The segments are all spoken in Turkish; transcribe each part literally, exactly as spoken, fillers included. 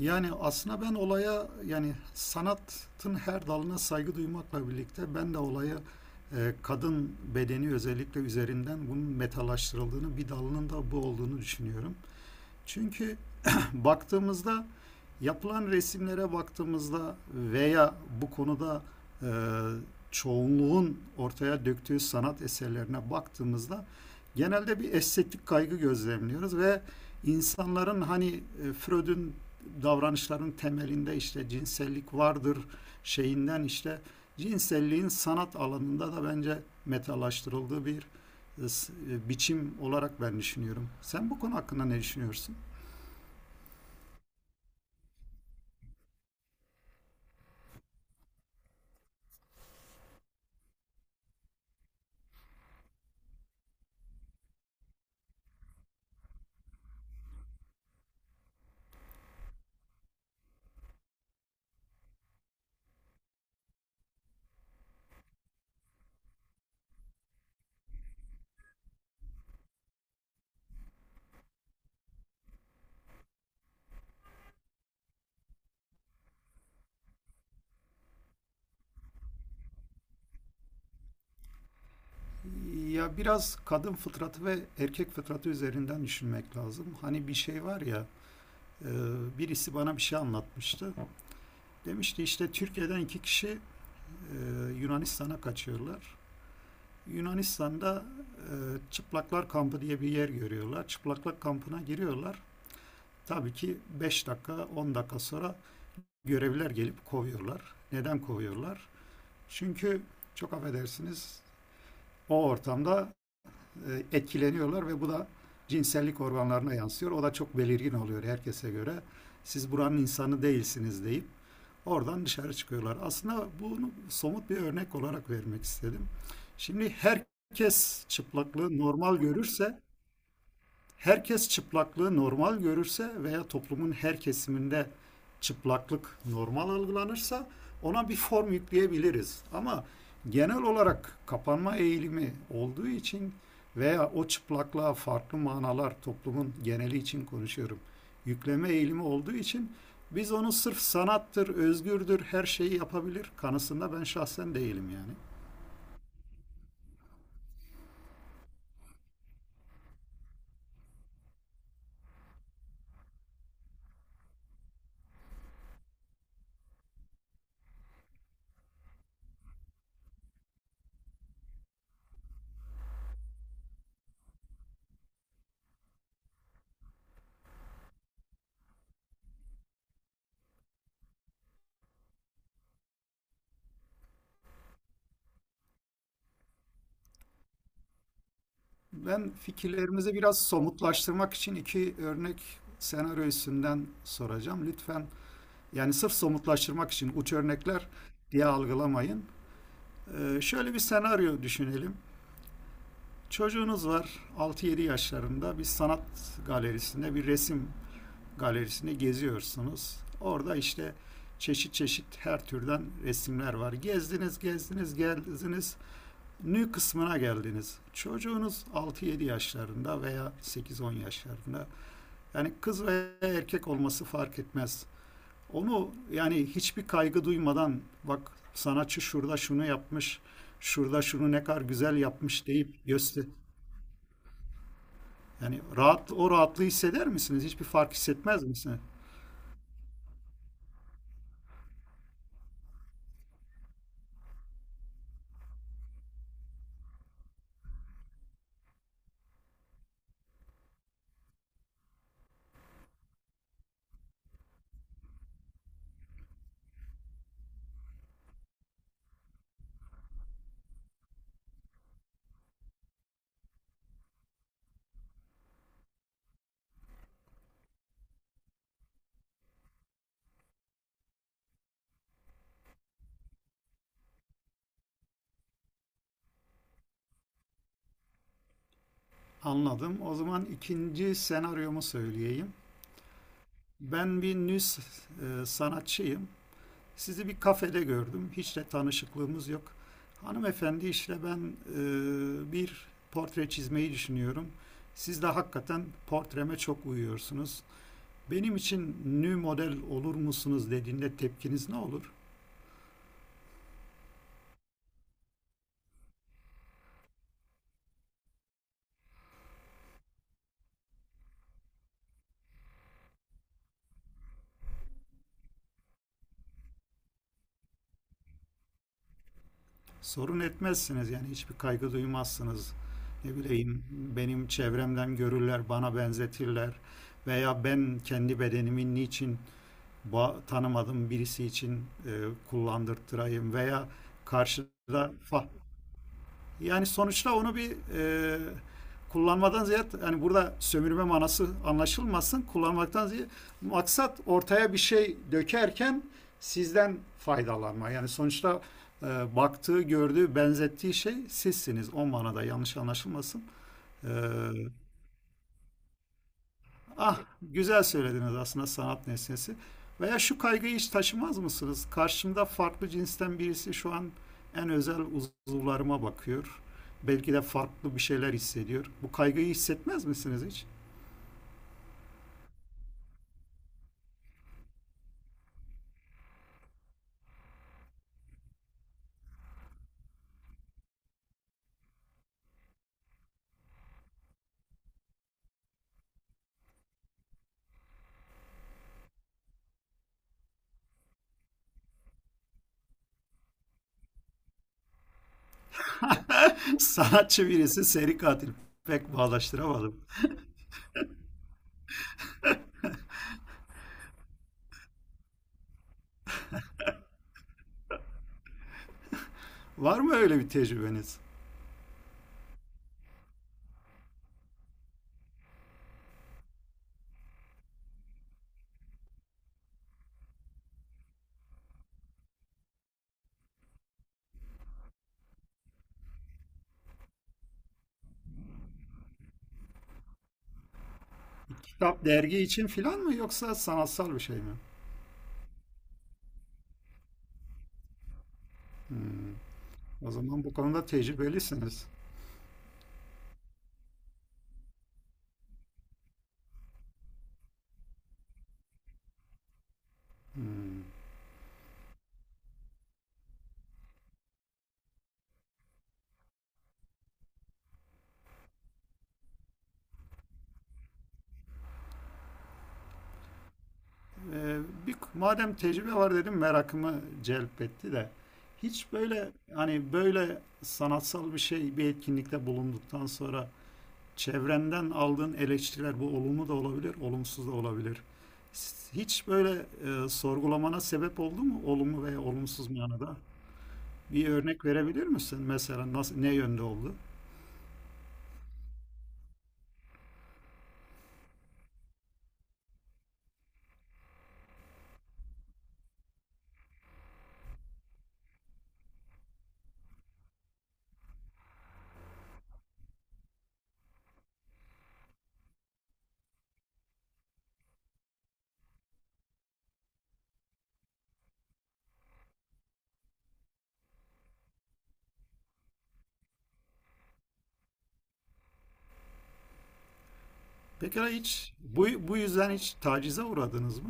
Yani aslında ben olaya yani sanatın her dalına saygı duymakla birlikte ben de olaya e, kadın bedeni özellikle üzerinden bunun metalaştırıldığını bir dalının da bu olduğunu düşünüyorum. Çünkü baktığımızda yapılan resimlere baktığımızda veya bu konuda e, çoğunluğun ortaya döktüğü sanat eserlerine baktığımızda genelde bir estetik kaygı gözlemliyoruz ve insanların hani e, Freud'un davranışların temelinde işte cinsellik vardır şeyinden işte cinselliğin sanat alanında da bence metalaştırıldığı bir e, e, biçim olarak ben düşünüyorum. Sen bu konu hakkında ne düşünüyorsun? Ya biraz kadın fıtratı ve erkek fıtratı üzerinden düşünmek lazım. Hani bir şey var ya, e, birisi bana bir şey anlatmıştı. Demişti işte Türkiye'den iki kişi e, Yunanistan'a kaçıyorlar. Yunanistan'da e, Çıplaklar Kampı diye bir yer görüyorlar. Çıplaklar Kampı'na giriyorlar. Tabii ki beş dakika, on dakika sonra görevliler gelip kovuyorlar. Neden kovuyorlar? Çünkü çok affedersiniz o ortamda e, etkileniyorlar ve bu da cinsellik organlarına yansıyor. O da çok belirgin oluyor herkese göre. Siz buranın insanı değilsiniz deyip oradan dışarı çıkıyorlar. Aslında bunu somut bir örnek olarak vermek istedim. Şimdi herkes çıplaklığı normal görürse herkes çıplaklığı normal görürse veya toplumun her kesiminde çıplaklık normal algılanırsa ona bir form yükleyebiliriz. Ama genel olarak kapanma eğilimi olduğu için veya o çıplaklığa farklı manalar toplumun geneli için konuşuyorum. Yükleme eğilimi olduğu için biz onu sırf sanattır, özgürdür, her şeyi yapabilir kanısında ben şahsen değilim yani. Ben fikirlerimizi biraz somutlaştırmak için iki örnek senaryo üstünden soracağım. Lütfen yani sırf somutlaştırmak için uç örnekler diye algılamayın. Ee, şöyle bir senaryo düşünelim. Çocuğunuz var altı yedi yaşlarında bir sanat galerisinde bir resim galerisinde geziyorsunuz. Orada işte çeşit çeşit her türden resimler var. Gezdiniz, gezdiniz, gezdiniz nü kısmına geldiniz. Çocuğunuz altı yedi yaşlarında veya sekiz on yaşlarında. Yani kız veya erkek olması fark etmez. Onu yani hiçbir kaygı duymadan bak sanatçı şurada şunu yapmış, şurada şunu ne kadar güzel yapmış deyip göster. Yani rahat o rahatlığı hisseder misiniz? Hiçbir fark hissetmez misiniz? Anladım. O zaman ikinci senaryomu söyleyeyim. Ben bir nü sanatçıyım. Sizi bir kafede gördüm. Hiç de tanışıklığımız yok. Hanımefendi işte ben e, bir portre çizmeyi düşünüyorum. Siz de hakikaten portreme çok uyuyorsunuz. Benim için nü model olur musunuz dediğinde tepkiniz ne olur? Sorun etmezsiniz yani hiçbir kaygı duymazsınız. Ne bileyim benim çevremden görürler, bana benzetirler veya ben kendi bedenimin niçin ba- tanımadığım birisi için e, kullandırtırayım veya karşıda fa- yani sonuçta onu bir e, kullanmadan ziyade yani burada sömürme manası anlaşılmasın kullanmaktan ziyade maksat ortaya bir şey dökerken sizden faydalanma yani sonuçta e, baktığı gördüğü benzettiği şey sizsiniz o manada yanlış anlaşılmasın. E, Ah güzel söylediniz aslında sanat nesnesi. Veya şu kaygıyı hiç taşımaz mısınız? Karşımda farklı cinsten birisi şu an en özel uzuvlarıma bakıyor. Belki de farklı bir şeyler hissediyor. Bu kaygıyı hissetmez misiniz hiç? Sanatçı birisi seri katil. Pek bağdaştıramadım. Var mı öyle bir tecrübeniz? Kitap, dergi için filan mı yoksa sanatsal bir şey mi? O zaman bu konuda tecrübelisiniz. Ee, Bir, madem tecrübe var dedim merakımı celp etti de hiç böyle hani böyle sanatsal bir şey bir etkinlikte bulunduktan sonra çevrenden aldığın eleştiriler bu olumlu da olabilir olumsuz da olabilir. Hiç böyle e, sorgulamana sebep oldu mu olumlu veya olumsuz manada? Bir örnek verebilir misin mesela nasıl ne yönde oldu? Pekala hiç bu, bu yüzden hiç tacize uğradınız mı?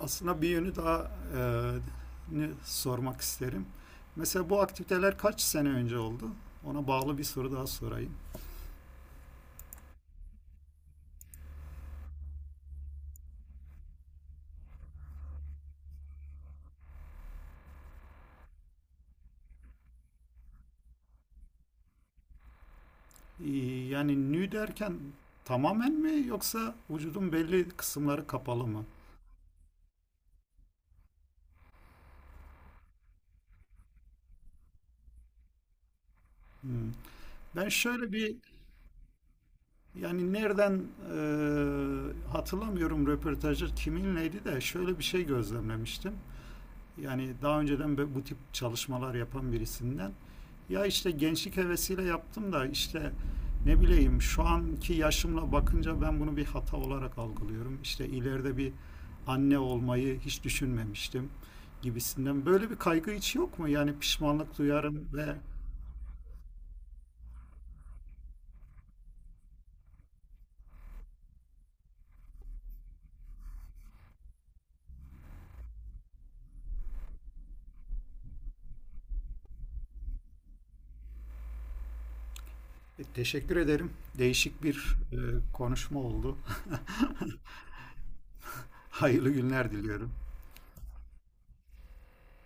Aslında bir yönü daha e, sormak isterim. Mesela bu aktiviteler kaç sene önce oldu? Ona bağlı bir soru daha sorayım. Ee, Yani nü derken tamamen mi yoksa vücudun belli kısımları kapalı mı? Hmm. Ben şöyle bir yani nereden e, hatırlamıyorum röportajı kiminleydi de şöyle bir şey gözlemlemiştim. Yani daha önceden bu tip çalışmalar yapan birisinden ya işte gençlik hevesiyle yaptım da işte ne bileyim şu anki yaşımla bakınca ben bunu bir hata olarak algılıyorum. İşte ileride bir anne olmayı hiç düşünmemiştim gibisinden. Böyle bir kaygı hiç yok mu? Yani pişmanlık duyarım ve e, teşekkür ederim. Değişik bir e, konuşma oldu. Hayırlı günler diliyorum.